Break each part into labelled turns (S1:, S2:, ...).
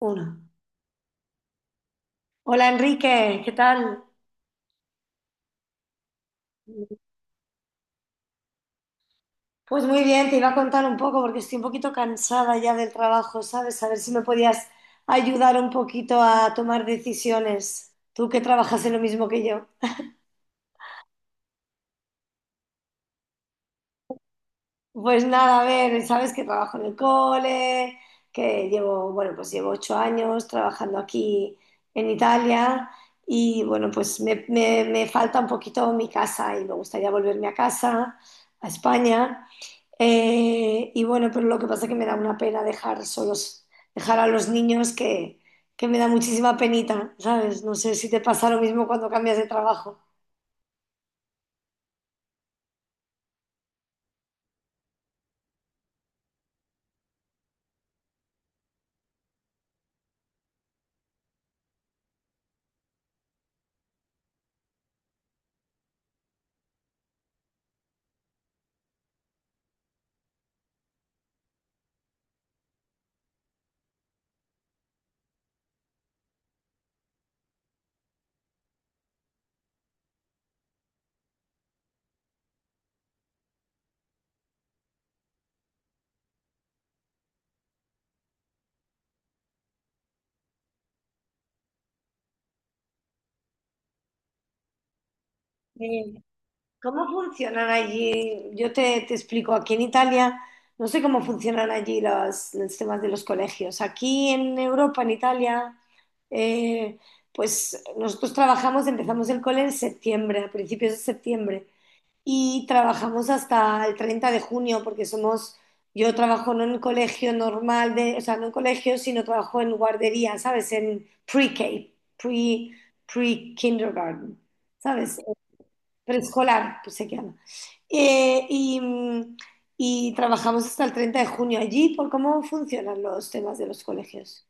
S1: Uno. Hola Enrique, ¿qué tal? Pues muy bien, te iba a contar un poco porque estoy un poquito cansada ya del trabajo, ¿sabes? A ver si me podías ayudar un poquito a tomar decisiones. Tú que trabajas en lo mismo que yo. Pues nada, a ver, sabes que trabajo en el cole, que llevo, bueno, pues llevo 8 años trabajando aquí en Italia y bueno, pues me falta un poquito mi casa y me gustaría volverme a casa, a España. Y bueno, pero lo que pasa es que me da una pena dejar solos, dejar a los niños que me da muchísima penita, ¿sabes? No sé si te pasa lo mismo cuando cambias de trabajo. ¿Cómo funcionan allí? Yo te explico, aquí en Italia no sé cómo funcionan allí los temas de los colegios. Aquí en Europa, en Italia, eh, pues nosotros trabajamos, empezamos el cole en septiembre, a principios de septiembre, y trabajamos hasta el 30 de junio, porque somos, yo trabajo no en colegio normal, de, o sea, no en colegio, sino trabajo en guardería, ¿sabes? En pre-K, pre, pre-kindergarten, ¿sabes? Preescolar, pues se llama. Eh, y, mm, y trabajamos hasta el 30 de junio allí por cómo funcionan los temas de los colegios.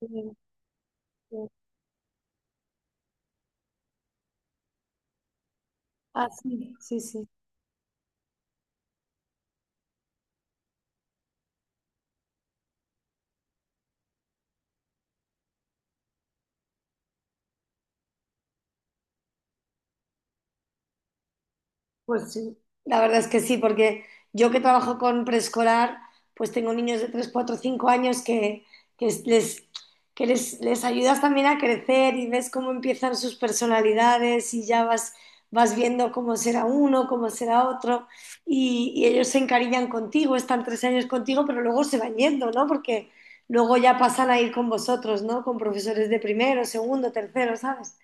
S1: Sí, sí. Ah, sí, sí, sí. Pues sí, la verdad es que sí, porque yo que trabajo con preescolar, pues tengo niños de 3, 4, 5 años, que, que es- les, que les ayudas también a crecer y ves cómo empiezan sus personalidades y ya vas, vas viendo cómo será uno, cómo será otro y ellos se encariñan contigo, están 3 años contigo, pero luego se van yendo, ¿no? Porque luego ya pasan a ir con vosotros, ¿no? Con profesores de primero, segundo, tercero, ¿sabes?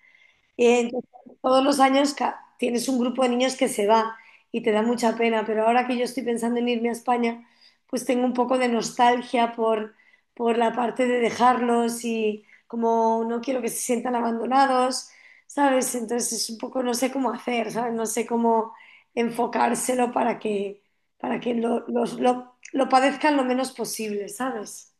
S1: Y entonces, todos los años tienes un grupo de niños que se va y te da mucha pena, pero ahora que yo estoy pensando en irme a España, pues tengo un poco de nostalgia por la parte de dejarlos y como no quiero que se sientan abandonados, ¿sabes? Entonces es un poco, no sé cómo hacer, ¿sabes? No sé cómo enfocárselo para que lo padezcan lo menos posible, ¿sabes?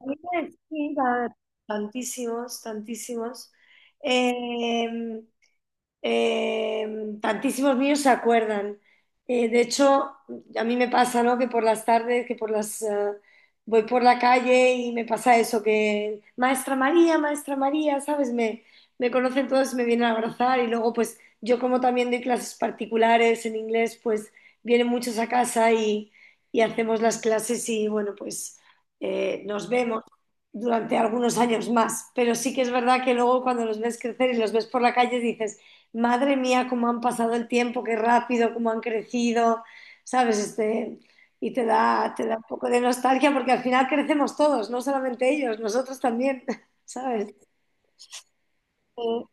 S1: A mí sí, va a ver, tantísimos, tantísimos. Eh, Eh, Tantísimos míos se acuerdan. De hecho, a mí me pasa, ¿no? Que por las tardes, que por las voy por la calle y me pasa eso, que Maestra María, Maestra María, ¿sabes? Me conocen todos, me vienen a abrazar y luego, pues yo como también doy clases particulares en inglés, pues vienen muchos a casa y hacemos las clases y bueno, pues nos vemos durante algunos años más, pero sí que es verdad que luego cuando los ves crecer y los ves por la calle dices, madre mía, cómo han pasado el tiempo, qué rápido, cómo han crecido, ¿sabes? Este, y te da un poco de nostalgia porque al final crecemos todos, no solamente ellos, nosotros también, ¿sabes? Eh,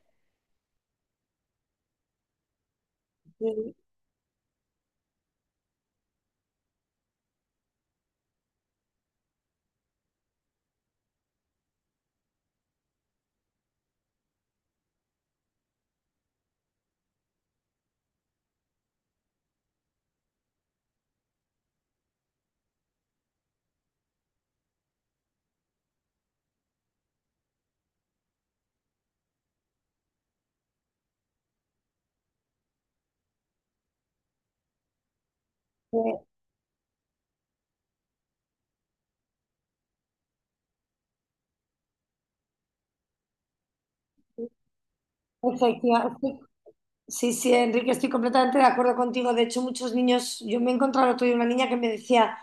S1: eh, eh, efectiva- Sí, sí, Enrique, estoy completamente de acuerdo contigo. De hecho, muchos niños, yo me he encontrado el otro día una niña que me decía,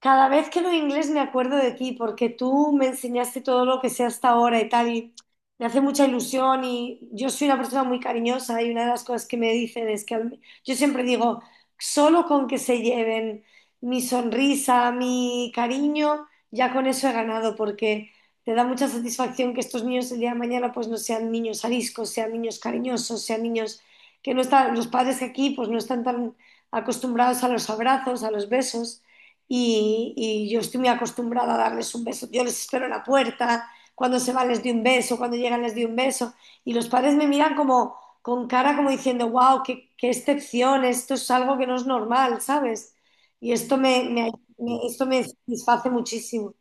S1: cada vez que veo inglés me acuerdo de ti, porque tú me enseñaste todo lo que sé hasta ahora y tal, y me hace mucha ilusión y yo soy una persona muy cariñosa y una de las cosas que me dicen es yo siempre digo, solo con que se lleven mi sonrisa, mi cariño, ya con eso he ganado, porque te da mucha satisfacción que estos niños el día de mañana pues no sean niños ariscos, sean niños cariñosos, sean niños que no están, los padres aquí pues no están tan acostumbrados a los abrazos, a los besos, y yo estoy muy acostumbrada a darles un beso. Yo les espero en la puerta, cuando se van les doy un beso, cuando llegan les doy un beso, y los padres me miran como con cara como diciendo, wow, qué, qué excepción, esto es algo que no es normal, ¿sabes? Y esto me satisface muchísimo.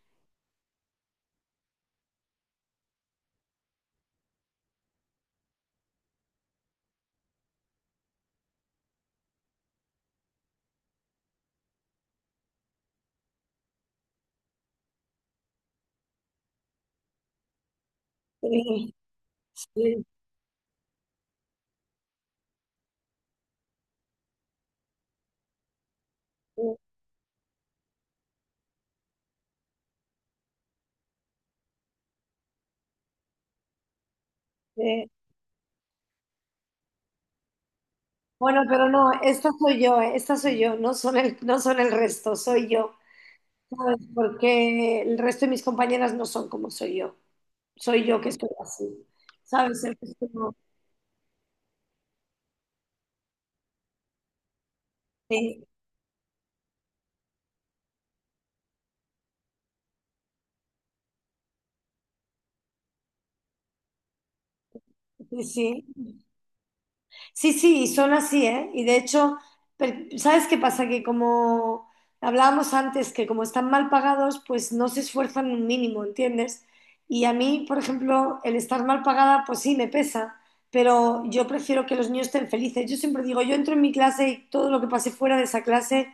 S1: Sí, sí, sí, sí. Bueno, pero no, esta soy yo, no son el, no son el resto, soy yo. ¿Sabes? Porque el resto de mis compañeras no son como soy yo. Soy yo que soy así, ¿sabes? El resto no. Sí, sí, sí. Sí, sí, y son así, ¿eh? Y de hecho, ¿sabes qué pasa? Que como hablábamos antes, que como están mal pagados, pues no se esfuerzan un mínimo, ¿entiendes? Y a mí, por ejemplo, el estar mal pagada, pues sí, me pesa, pero yo prefiero que los niños estén felices. Yo siempre digo, yo entro en mi clase y todo lo que pase fuera de esa clase,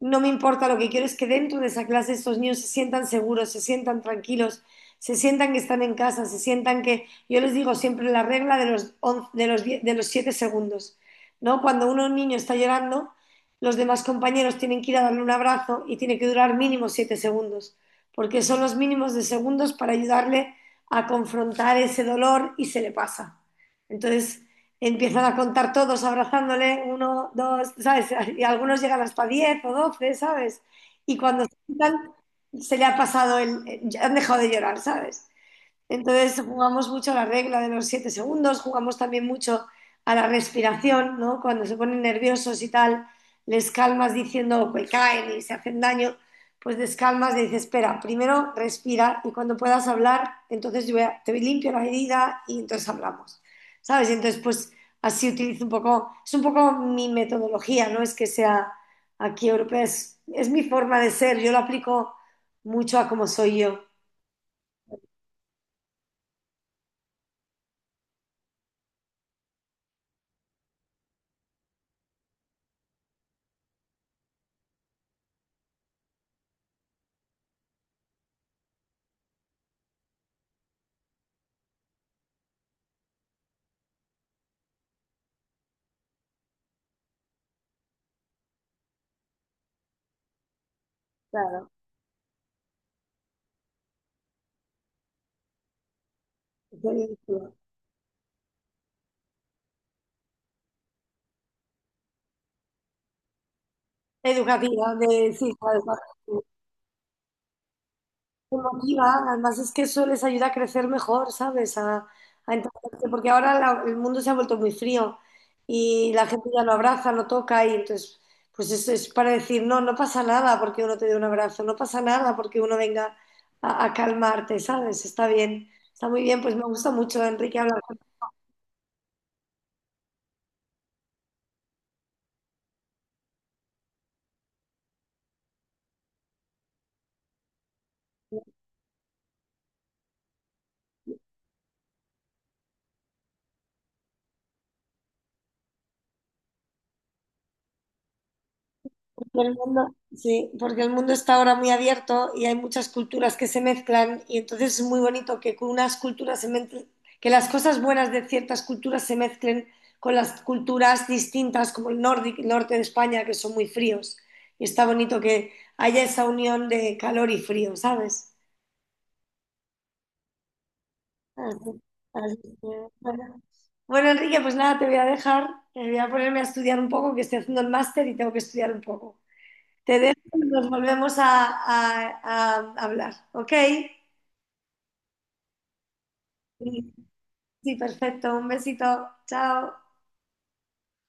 S1: no me importa, lo que quiero es que dentro de esa clase estos niños se sientan seguros, se sientan tranquilos, se sientan que están en casa, se sientan que yo les digo siempre la regla de los, 11 de los, 10 de los 7 segundos. ¿No? Cuando uno, un niño está llorando, los demás compañeros tienen que ir a darle un abrazo y tiene que durar mínimo 7 segundos, porque son los mínimos de segundos para ayudarle a confrontar ese dolor y se le pasa. Entonces empiezan a contar todos abrazándole, uno, dos, ¿sabes? Y algunos llegan hasta 10 o 12, ¿sabes? Y cuando se quitan, se le ha pasado el. Han dejado de llorar, ¿sabes? Entonces jugamos mucho a la regla de los 7 segundos, jugamos también mucho a la respiración, ¿no? Cuando se ponen nerviosos y tal, les calmas diciendo que caen y se hacen daño, pues les calmas y dices, espera, primero respira y cuando puedas hablar, entonces te limpio la herida y entonces hablamos, ¿sabes? Y entonces pues así utilizo un poco, es un poco mi metodología, no es que sea aquí europea, es mi forma de ser, yo lo aplico mucho a cómo soy yo. Claro. Educativa, de, sí, claro, claro, emotiva. Además es que eso les ayuda a crecer mejor, ¿sabes? A entenderse, porque ahora el mundo se ha vuelto muy frío y la gente ya no abraza, no toca y entonces, pues eso es para decir, no, no pasa nada porque uno te dé un abrazo, no pasa nada porque uno venga a calmarte, ¿sabes? Está bien, está muy bien, pues me gusta mucho, Enrique, hablar. Pero el mundo, sí, porque el mundo está ahora muy abierto y hay muchas culturas que se mezclan y entonces es muy bonito que con unas culturas que las cosas buenas de ciertas culturas se mezclen con las culturas distintas como el norte de España que son muy fríos y está bonito que haya esa unión de calor y frío, ¿sabes? Así- Así que, bueno. Bueno, Enrique, pues nada, te voy a dejar, voy a ponerme a estudiar un poco, que estoy haciendo el máster y tengo que estudiar un poco. Te dejo y nos volvemos a hablar, ¿ok? Sí, sí, perfecto. Un besito. Chao.